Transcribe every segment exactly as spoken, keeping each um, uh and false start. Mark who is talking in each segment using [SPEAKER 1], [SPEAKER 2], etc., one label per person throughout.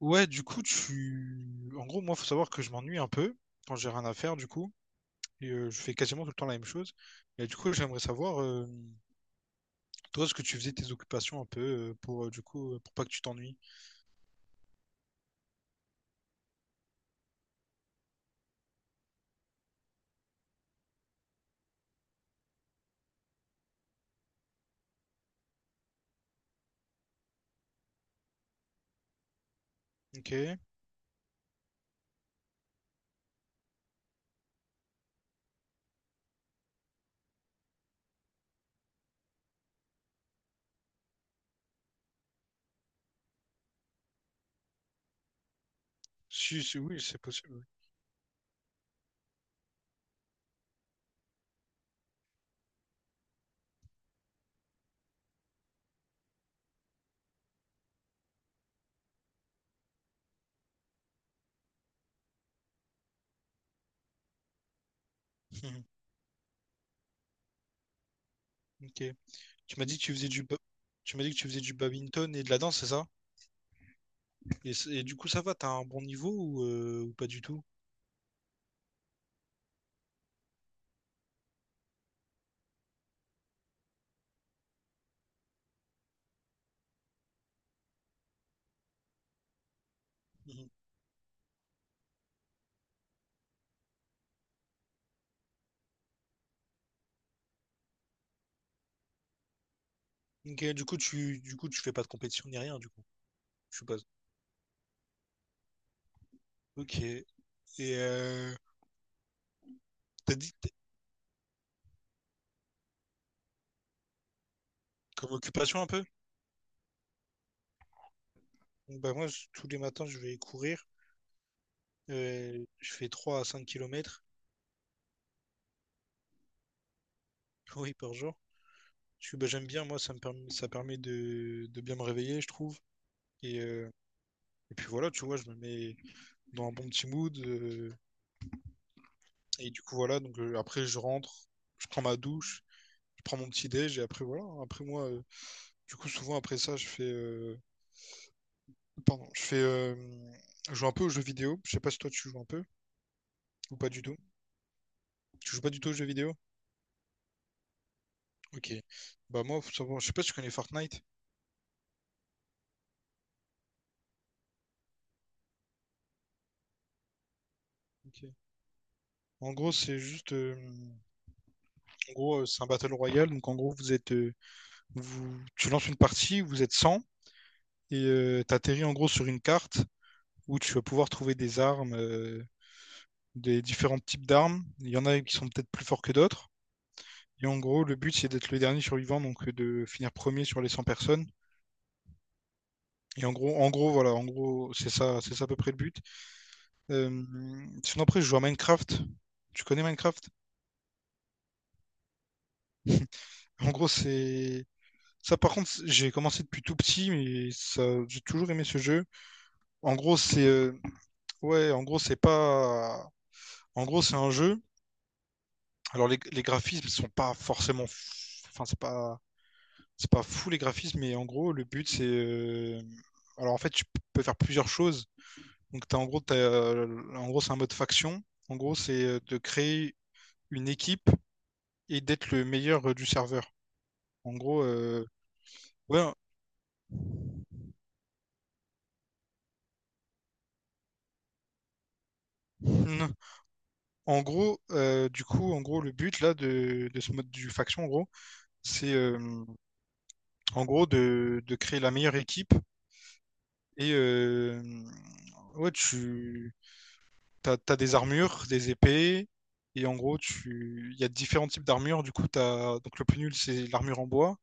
[SPEAKER 1] Ouais, du coup, tu... En gros, moi, faut savoir que je m'ennuie un peu quand j'ai rien à faire, du coup. Et euh, je fais quasiment tout le temps la même chose. Et du coup, j'aimerais savoir, euh, toi, ce que tu faisais tes occupations un peu euh, pour, euh, du coup, euh, pour pas que tu t'ennuies. Ok. Si, si, oui, c'est possible. Oui. Ok. Tu m'as dit que tu faisais du... ba- tu m'as dit que tu faisais du badminton et de la danse, c'est ça? Et, c- et du coup, ça va, t'as un bon niveau ou, euh, ou pas du tout? Mhm. Ok, du coup, tu, du coup, tu fais pas de compétition ni rien, du coup, je suppose. Ok. Et euh, t'as dit. Comme occupation un peu? Bon, bah moi, je- tous les matins, je vais courir. Euh, je fais trois à cinq kilomètres, oui, par jour. Parce que, bah, j'aime bien, moi, ça me permet, ça permet de, de bien me réveiller, je trouve. Et, euh, et puis voilà, tu vois, je me mets dans un bon petit mood. Euh, et du coup, voilà, donc euh, après, je rentre, je prends ma douche, je prends mon petit déj, et après, voilà. Hein. Après, moi, euh, du coup, souvent, après ça, je fais... euh, pardon, je fais... euh, je joue un peu aux jeux vidéo. Je sais pas si toi, tu joues un peu ou pas du tout. Tu joues pas du tout aux jeux vidéo? Ok. Bah moi, faut savoir- je sais pas si tu connais Fortnite. Ok. En gros, c'est juste, euh, en gros, euh, c'est un battle royale. Donc en gros, vous êtes, euh, vous, tu lances une partie, vous êtes cent et euh, t'atterris en gros sur une carte où tu vas pouvoir trouver des armes, euh, des différents types d'armes. Il y en a qui sont peut-être plus forts que d'autres. Et en gros, le but c'est d'être le dernier survivant, donc euh, de finir premier sur les cent personnes. Et en gros, en gros, voilà, en gros, c'est ça, c'est ça à peu près le but. Euh, sinon après, je joue à Minecraft. Tu connais Minecraft? En gros, c'est. Ça, par contre, j'ai commencé depuis tout petit, mais ça, j'ai toujours aimé ce jeu. En gros, c'est. euh, Ouais, en gros, c'est pas. En gros, c'est un jeu. Alors, les, les graphismes sont pas forcément. f- Enfin, c'est pas. C'est pas fou les graphismes, mais en gros, le but, c'est. euh, Alors, en fait, tu peux faire plusieurs choses. Donc, t'as, en gros, t'as, euh, en gros, c'est un mode faction. En gros, c'est euh, de créer une équipe et d'être le meilleur euh, du serveur. En gros, euh, ouais. En gros, euh, du coup, en gros, le but là de, de ce mode du faction, en gros, c'est euh, en gros de, de créer la meilleure équipe. Et euh, ouais, tu t'as, t'as des armures, des épées, et en gros, tu il y a différents types d'armures. Du coup, t'as donc le plus nul, c'est l'armure en bois.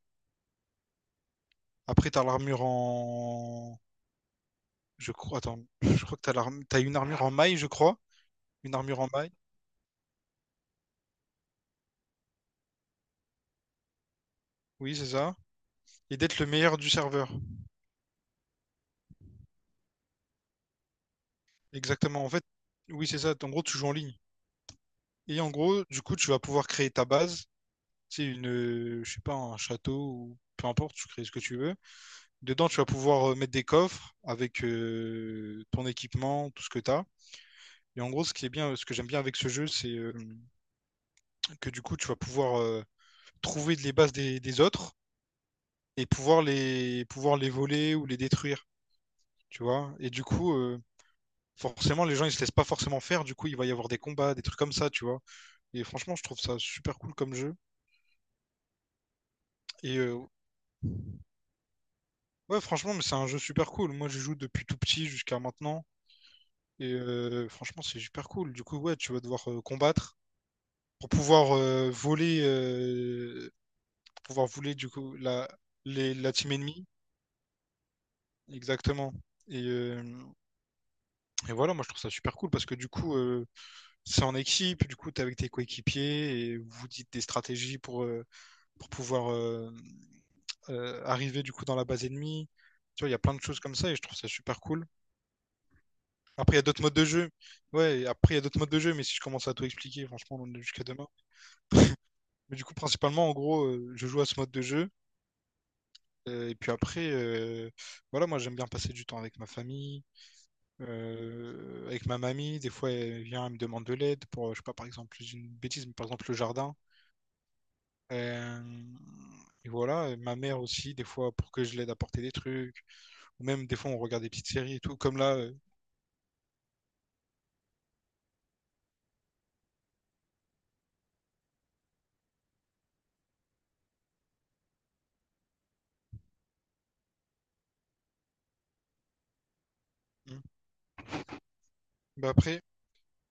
[SPEAKER 1] Après, t'as l'armure en je crois, attends, je crois que t'as l'arm- t'as une armure en maille, je crois, une armure en maille. Oui, c'est ça. Et d'être le meilleur du serveur. Exactement. En fait, oui, c'est ça. En gros, tu joues en ligne. Et en gros, du coup, tu vas pouvoir créer ta base. C'est une, euh, je sais pas, un château ou peu importe, tu crées ce que tu veux. Dedans, tu vas pouvoir euh, mettre des coffres avec euh, ton équipement, tout ce que tu as. Et en gros, ce qui est bien, euh, ce que j'aime bien avec ce jeu, c'est euh, que du coup, tu vas pouvoir euh, trouver les bases des, des autres et pouvoir les, pouvoir les voler ou les détruire, tu vois. Et du coup, euh, forcément, les gens, ils se laissent pas forcément faire. Du coup, il va y avoir des combats, des trucs comme ça, tu vois. Et franchement, je trouve ça super cool comme jeu. Et euh, ouais, franchement, mais c'est un jeu super cool. Moi, je joue depuis tout petit jusqu'à maintenant. Et euh, franchement, c'est super cool. Du coup, ouais, tu vas devoir euh, combattre pour pouvoir euh, voler, euh, pour pouvoir voler du coup la, les- la team ennemie. Exactement. Et, euh, et voilà, moi je trouve ça super cool parce que du coup, euh, c'est en équipe, du coup, t'es avec tes coéquipiers et vous dites des stratégies pour, euh, pour pouvoir euh, euh, arriver du coup dans la base ennemie. Tu vois, il y a plein de choses comme ça et je trouve ça super cool. Après, il y a d'autres modes de jeu. Ouais, après, il y a d'autres modes de jeu, mais si je commence à tout expliquer, franchement, on est jusqu'à demain. Mais du coup, principalement, en gros, euh, je joue à ce mode de jeu. Euh, et puis après, euh, voilà, moi, j'aime bien passer du temps avec ma famille, euh, avec ma mamie. Des fois, elle vient, elle me demande de l'aide pour, je sais pas, par exemple, je dis une bêtise, mais par exemple, le jardin. Euh, et voilà, et ma mère aussi, des fois, pour que je l'aide à porter des trucs. Ou même des fois on regarde des petites séries et tout, comme là. euh, Mm. Bah après,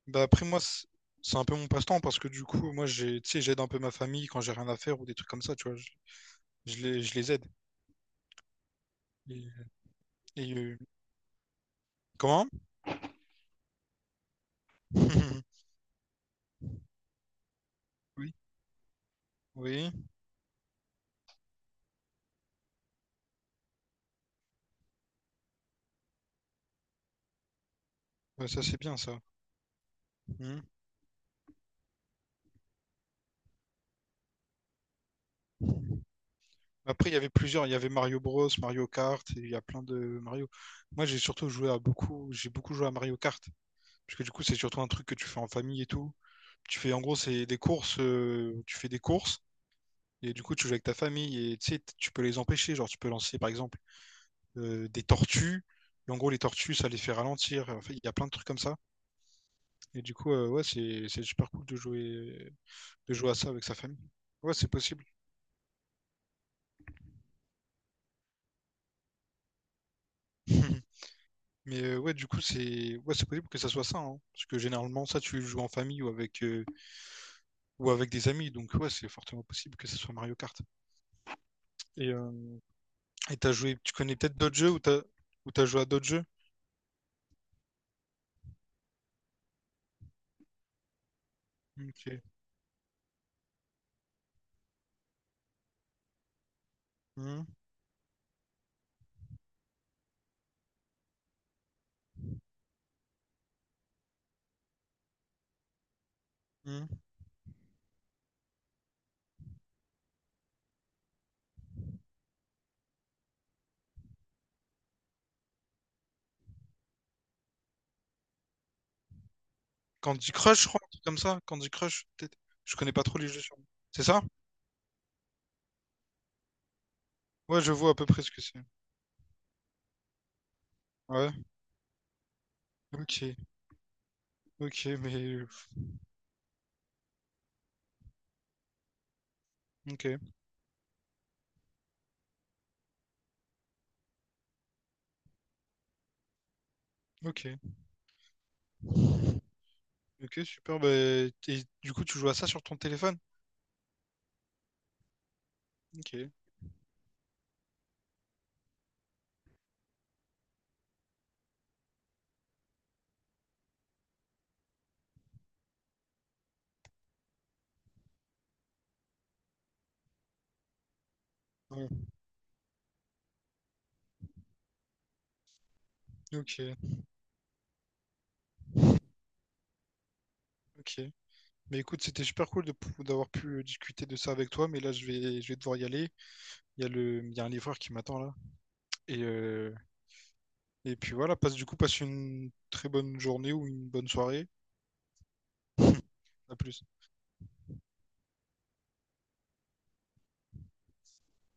[SPEAKER 1] bah après moi c'est c'est un peu mon passe-temps parce que du coup moi j'ai tu sais j'aide un peu ma famille quand j'ai rien à faire ou des trucs comme ça tu vois je, je les, je les aide et, et, euh, comment? Oui, oui, ouais, ça c'est bien ça. Mm. Après, il y avait plusieurs. Il y avait Mario Bros, Mario Kart, et il y a plein de Mario. Moi, j'ai surtout joué à beaucoup. J'ai beaucoup joué à Mario Kart. Parce que du coup, c'est surtout un truc que tu fais en famille et tout. Tu fais, en gros, C'est des courses. Euh, tu fais des courses. Et du coup, tu joues avec ta famille. Et tu sais, t- tu peux les empêcher. Genre, tu peux lancer, par exemple, euh, des tortues. Et en gros, les tortues, ça les fait ralentir. En fait, il y a plein de trucs comme ça. Et du coup, euh, ouais, c'est c'est super cool de jouer, de jouer à ça avec sa famille. Ouais, c'est possible. Mais euh, ouais, du coup, c'est ouais, c'est possible que ça soit ça, hein, parce que généralement, ça, tu le joues en famille ou avec euh, ou avec des amis, donc ouais, c'est fortement possible que ça soit Mario Kart. Et euh, et t'as joué, tu connais peut-être d'autres jeux ou t'as ou t'as joué à d'autres jeux? Ok. Hmm, hmm. Candy Crush, je crois, un truc comme ça. Candy Crush, peut-être. Je connais pas trop les jeux sur. C'est ça? Ouais, je vois à peu près ce que c'est. Ouais. Ok. Ok, mais euh, ok, ok. Ok, super. Bah, et du coup, tu joues à ça sur ton téléphone? Ok. Ouais, ok, ok. Mais écoute, c'était super cool de pou- d'avoir pu euh, discuter de ça avec toi, mais là je vais, je vais devoir y aller. Il y a le, il y a un livreur qui m'attend là. Et, euh, et puis voilà, passe du coup, passe une très bonne journée ou une bonne soirée. À plus.